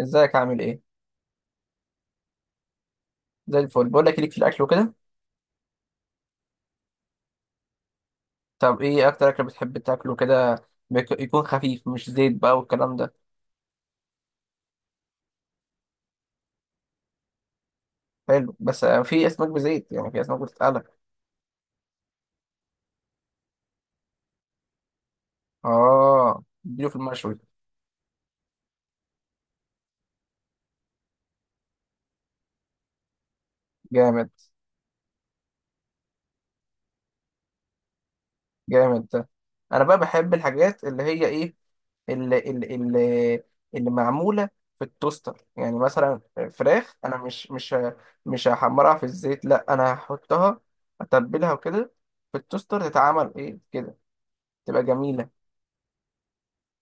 ازيك؟ عامل ايه؟ زي الفل. بقول لك، ليك في الاكل وكده؟ طب ايه اكتر اكل بتحب تاكله كده؟ يكون خفيف، مش زيت بقى والكلام ده. حلو. بس في اسماك بزيت يعني، في اسماك بتتقلى. اه، اديله في المشوي. جامد. جامد ده. انا بقى بحب الحاجات اللي هي ايه، اللي اللي اللي, اللي معموله في التوستر يعني، مثلا فراخ. انا مش هحمرها في الزيت، لا انا هحطها، اتبلها وكده، في التوستر تتعمل ايه كده، تبقى جميله.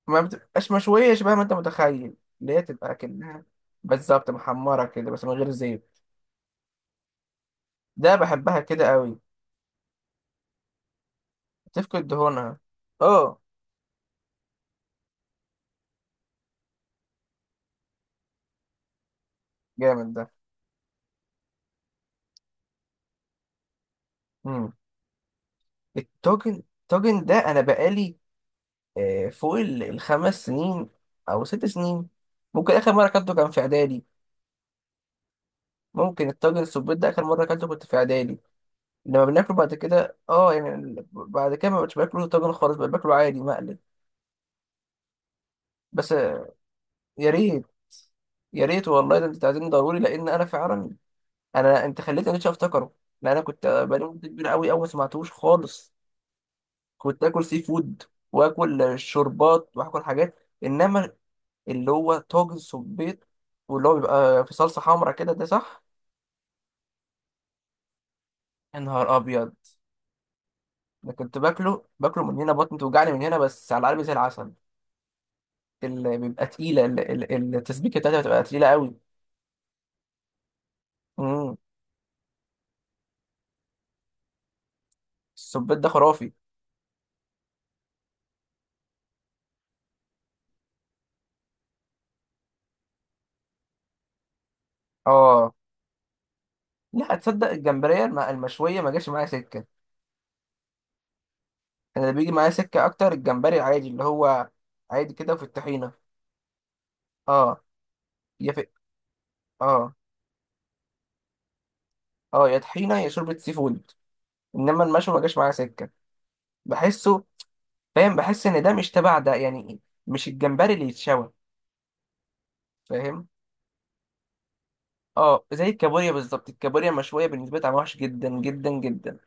ما بتبقاش مشوية شبه ما انت متخيل، اللي هي تبقى كأنها بالظبط محمرة كده بس من غير زيت. ده بحبها كده قوي. تفقد دهونها. اه، جامد ده. مم. الطاجن ده انا بقالي فوق 5 سنين او 6 سنين، ممكن اخر مرة اكلته كان في اعدادي. ممكن الطاجن السبيط ده اخر مرة اكلته كنت في اعدادي. لما بناكله بعد كده، اه يعني بعد كده ما بقتش باكله طاجن خالص، بقيت باكله عادي مقلي. بس. يا ريت. يا ريت والله. ده انت تعزمني ضروري، لان انا فعلا، انا انت خليتني نفسي افتكره. لان انا كنت بقالي مده كبيره قوي اول ما سمعتوش خالص. كنت اكل سي فود، واكل شوربات، واكل حاجات. انما اللي هو طاجن صبيط، واللي هو بيبقى في صلصه حمرا كده، ده صح. يا نهار ابيض. انا كنت باكله، من هنا بطني توجعني، من هنا بس على قلبي زي العسل. اللي بيبقى تقيله التسبيكه بتاعتها بتبقى تقيله قوي. امم الصبيط ده خرافي. اه، لا تصدق، الجمبريه المشويه ما جاش معايا سكه. انا اللي بيجي معايا سكه اكتر الجمبري العادي، اللي هو عادي كده في الطحينه. اه، يا في، اه، اه يا طحينه يا شوربه سي فود. انما المشوي ما جاش معايا سكه. بحسه. فاهم، بحس ان ده مش تبع ده يعني، مش الجمبري اللي يتشوى. فاهم. اه، زي الكابوريا بالظبط. الكابوريا مشويه بالنسبه لي طعمها وحش جدا جدا جدا.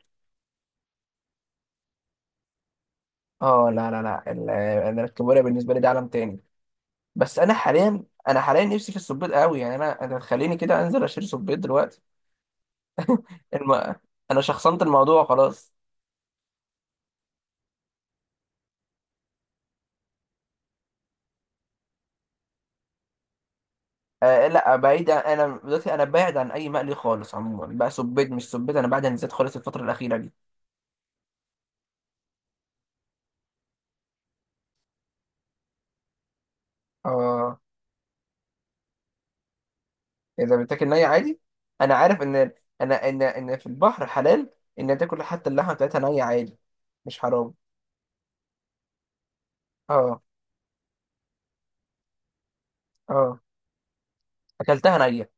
اه، لا لا لا. انا الكابوريا بالنسبه لي ده عالم تاني. بس انا حاليا، نفسي في السبيط قوي يعني. انا، خليني كده انزل اشتري سبيط دلوقتي. الم... انا شخصنت الموضوع خلاص. لا، انا دلوقتي، بعيد عن اي مقلي خالص. عموما بقى سبيت مش سبيت، انا بعد عن الزيت خالص الفتره الاخيره دي. اه. اذا بتاكل ني عادي، انا عارف ان، انا ان في البحر حلال ان تاكل حتى اللحمه بتاعتها نيه عادي، مش حرام. اه، اه، اكلتها نيه.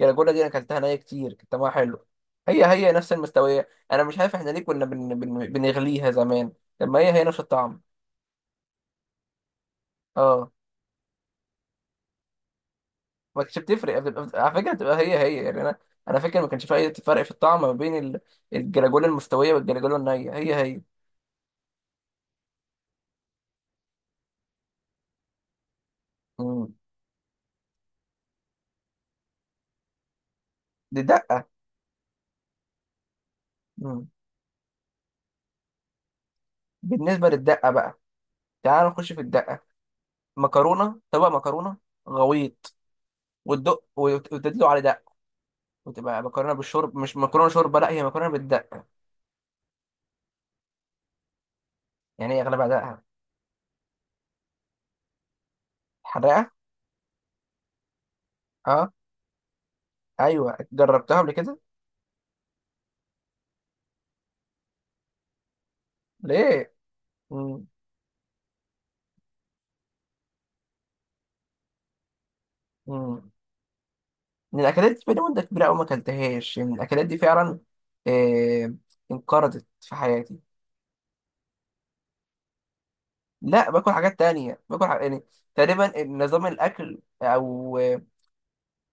الجلاجولا دي انا اكلتها نيه كتير، كانت طعمها حلو. هي هي نفس المستويه. انا مش عارف احنا ليه كنا بن بن بنغليها زمان لما هي هي نفس الطعم. اه، ما كانتش بتفرق. على فكره بتبقى هي هي، يعني انا، انا فاكر ما كانش في اي فرق في الطعم ما بين الجلاجولا المستويه والجلاجولا النيه، هي هي. مم. دي دقه. مم. بالنسبه للدقه بقى، تعال نخش في الدقه. مكرونه، طبق مكرونه غويط، وتدق، وتدلو على دق، وتبقى مكرونه بالشرب، مش مكرونه شوربه، لا هي مكرونه بالدقه. يعني هي اغلبها دقه، حرقه. اه، ايوه جربتها قبل كده. ليه؟ مم. مم. من الاكلات دي بقالي مده كبيره قوي ما اكلتهاش. يعني من الاكلات دي فعلا، آه انقرضت في حياتي. لا، باكل حاجات تانية، يعني تقريبا نظام الاكل او،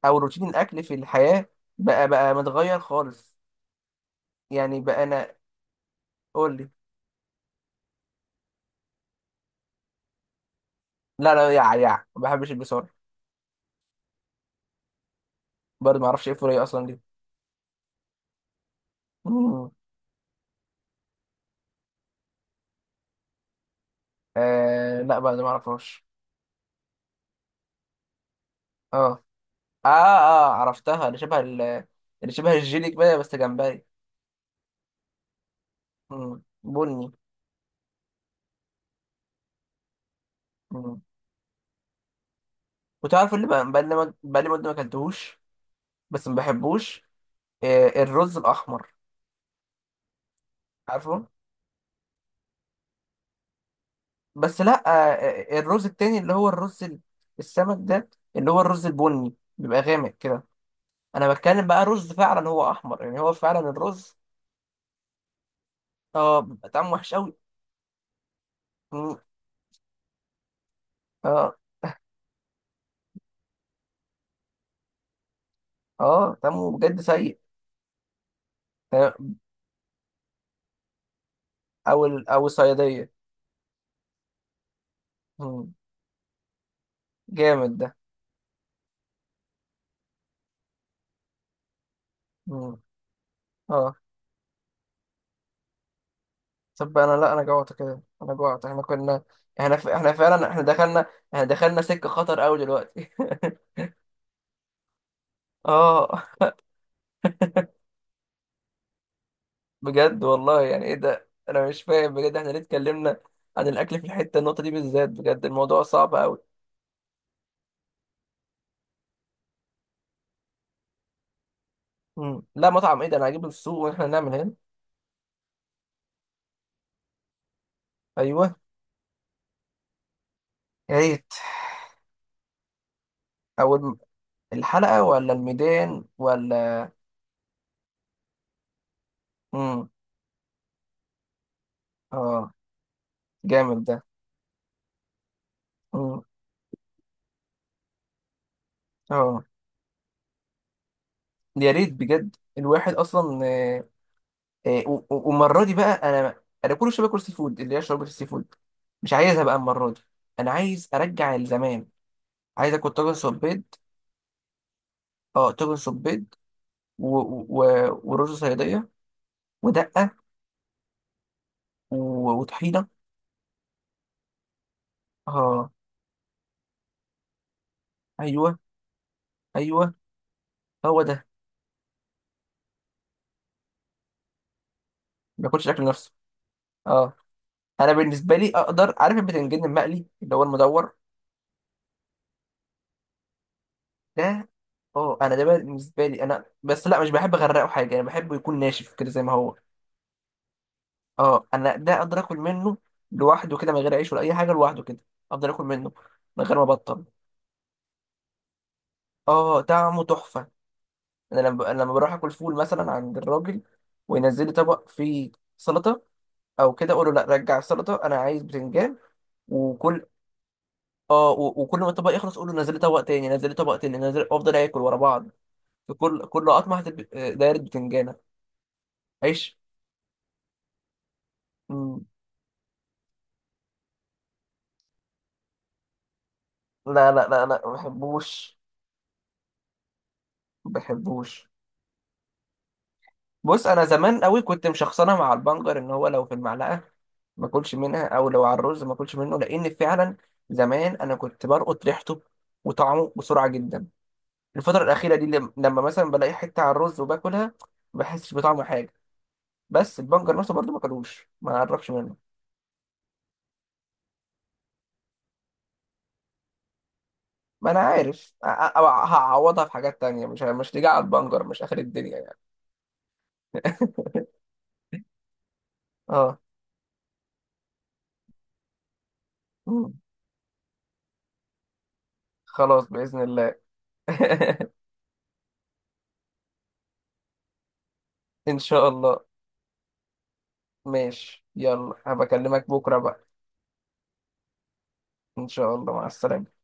او روتين الاكل في الحياه بقى متغير خالص. يعني بقى انا، قول لي. لا لا، يع يع ما بحبش البصل. برضه ما اعرفش ايه الفوريه اصلا دي. مم. لا، برضه ما اعرفهاش. اه، اه، اه، عرفتها. اللي شبه اللي شبه الجيلي كده بس جمبري. مم. بني. مم. وتعرف اللي بقى بقالي بقالي مدة ما اكلتهوش، بس ما بحبوش. الرز الأحمر. عارفه. بس لا. الرز التاني اللي هو الرز السمك ده، اللي هو الرز البني بيبقى غامق كده. أنا بتكلم بقى رز فعلا هو أحمر، يعني هو فعلا الرز. اه، بيبقى طعمه وحش أوي. مم. اه، اه، طعمه بجد سيء. آه، أو أو الصيادية. مم. جامد ده. مم. اه. طب انا، لا انا جوعت كده، انا جوعت. احنا كنا، احنا فعلا احنا دخلنا، احنا دخلنا سكة خطر قوي دلوقتي. اه، بجد والله. يعني ايه ده، انا مش فاهم بجد، احنا ليه اتكلمنا عن الاكل في الحتة النقطة دي بالذات؟ بجد الموضوع صعب قوي. مم. لا، مطعم ايه ده، انا هجيبه من السوق واحنا نعمل هنا. ايوه. يا ريت. اول م- الحلقة ولا الميدان ولا؟ مم. اه. جامد ده. مم. اه. يا ريت بجد، الواحد اصلا. والمره دي بقى، انا كل شويه باكل سي فود، اللي هي شوربه السي فود. مش عايزها بقى المره دي. انا عايز ارجع لزمان. عايز اكل طاجن صبيط. اه، طاجن صبيط، و... و... ورز صياديه، ودقه، و... وطحينه. اه. ايوه. ايوه. هو ده. ما باكلش اكل نفسه. اه. انا بالنسبه لي اقدر، عارف البتنجان المقلي اللي هو المدور ده. اه، انا ده بالنسبه لي، انا بس لا مش بحب اغرقه حاجه، انا بحبه يكون ناشف كده زي ما هو. اه انا ده اقدر اكل منه لوحده كده من غير عيش ولا اي حاجه، لوحده كده افضل اكل منه من غير ما ابطل. اه، طعمه تحفه. انا لما، أنا لما بروح اكل فول مثلا عند الراجل، وينزل لي طبق فيه سلطه، او كده، اقول له لا، رجع السلطه، انا عايز بتنجان. وكل، اه، وكل ما الطبق يخلص اقول له نزل لي طبق تاني، نزل لي طبق تاني، نزل، افضل اكل ورا بعض. في كل قطمه دايره بتنجانه عيش. مم. لا لا لا لا، ما بحبوش، ما بحبوش. بص، انا زمان قوي كنت مشخصنه مع البنجر ان هو لو في المعلقه ما اكلش منها، او لو على الرز ما اكلش منه، لان فعلا زمان انا كنت بلقط ريحته وطعمه بسرعه جدا. الفتره الاخيره دي لما مثلا بلاقي حته على الرز وباكلها، ما بحسش بطعم حاجه. بس البنجر نفسه برضه ما كلوش، ما اعرفش منه. ما انا عارف. هعوضها في حاجات تانية، مش تيجي على البنجر، مش اخر الدنيا يعني. اه. مم. خلاص باذن الله. ان شاء الله. ماشي، يلا هبكلمك بكره بقى. إن شاء الله، مع السلامة.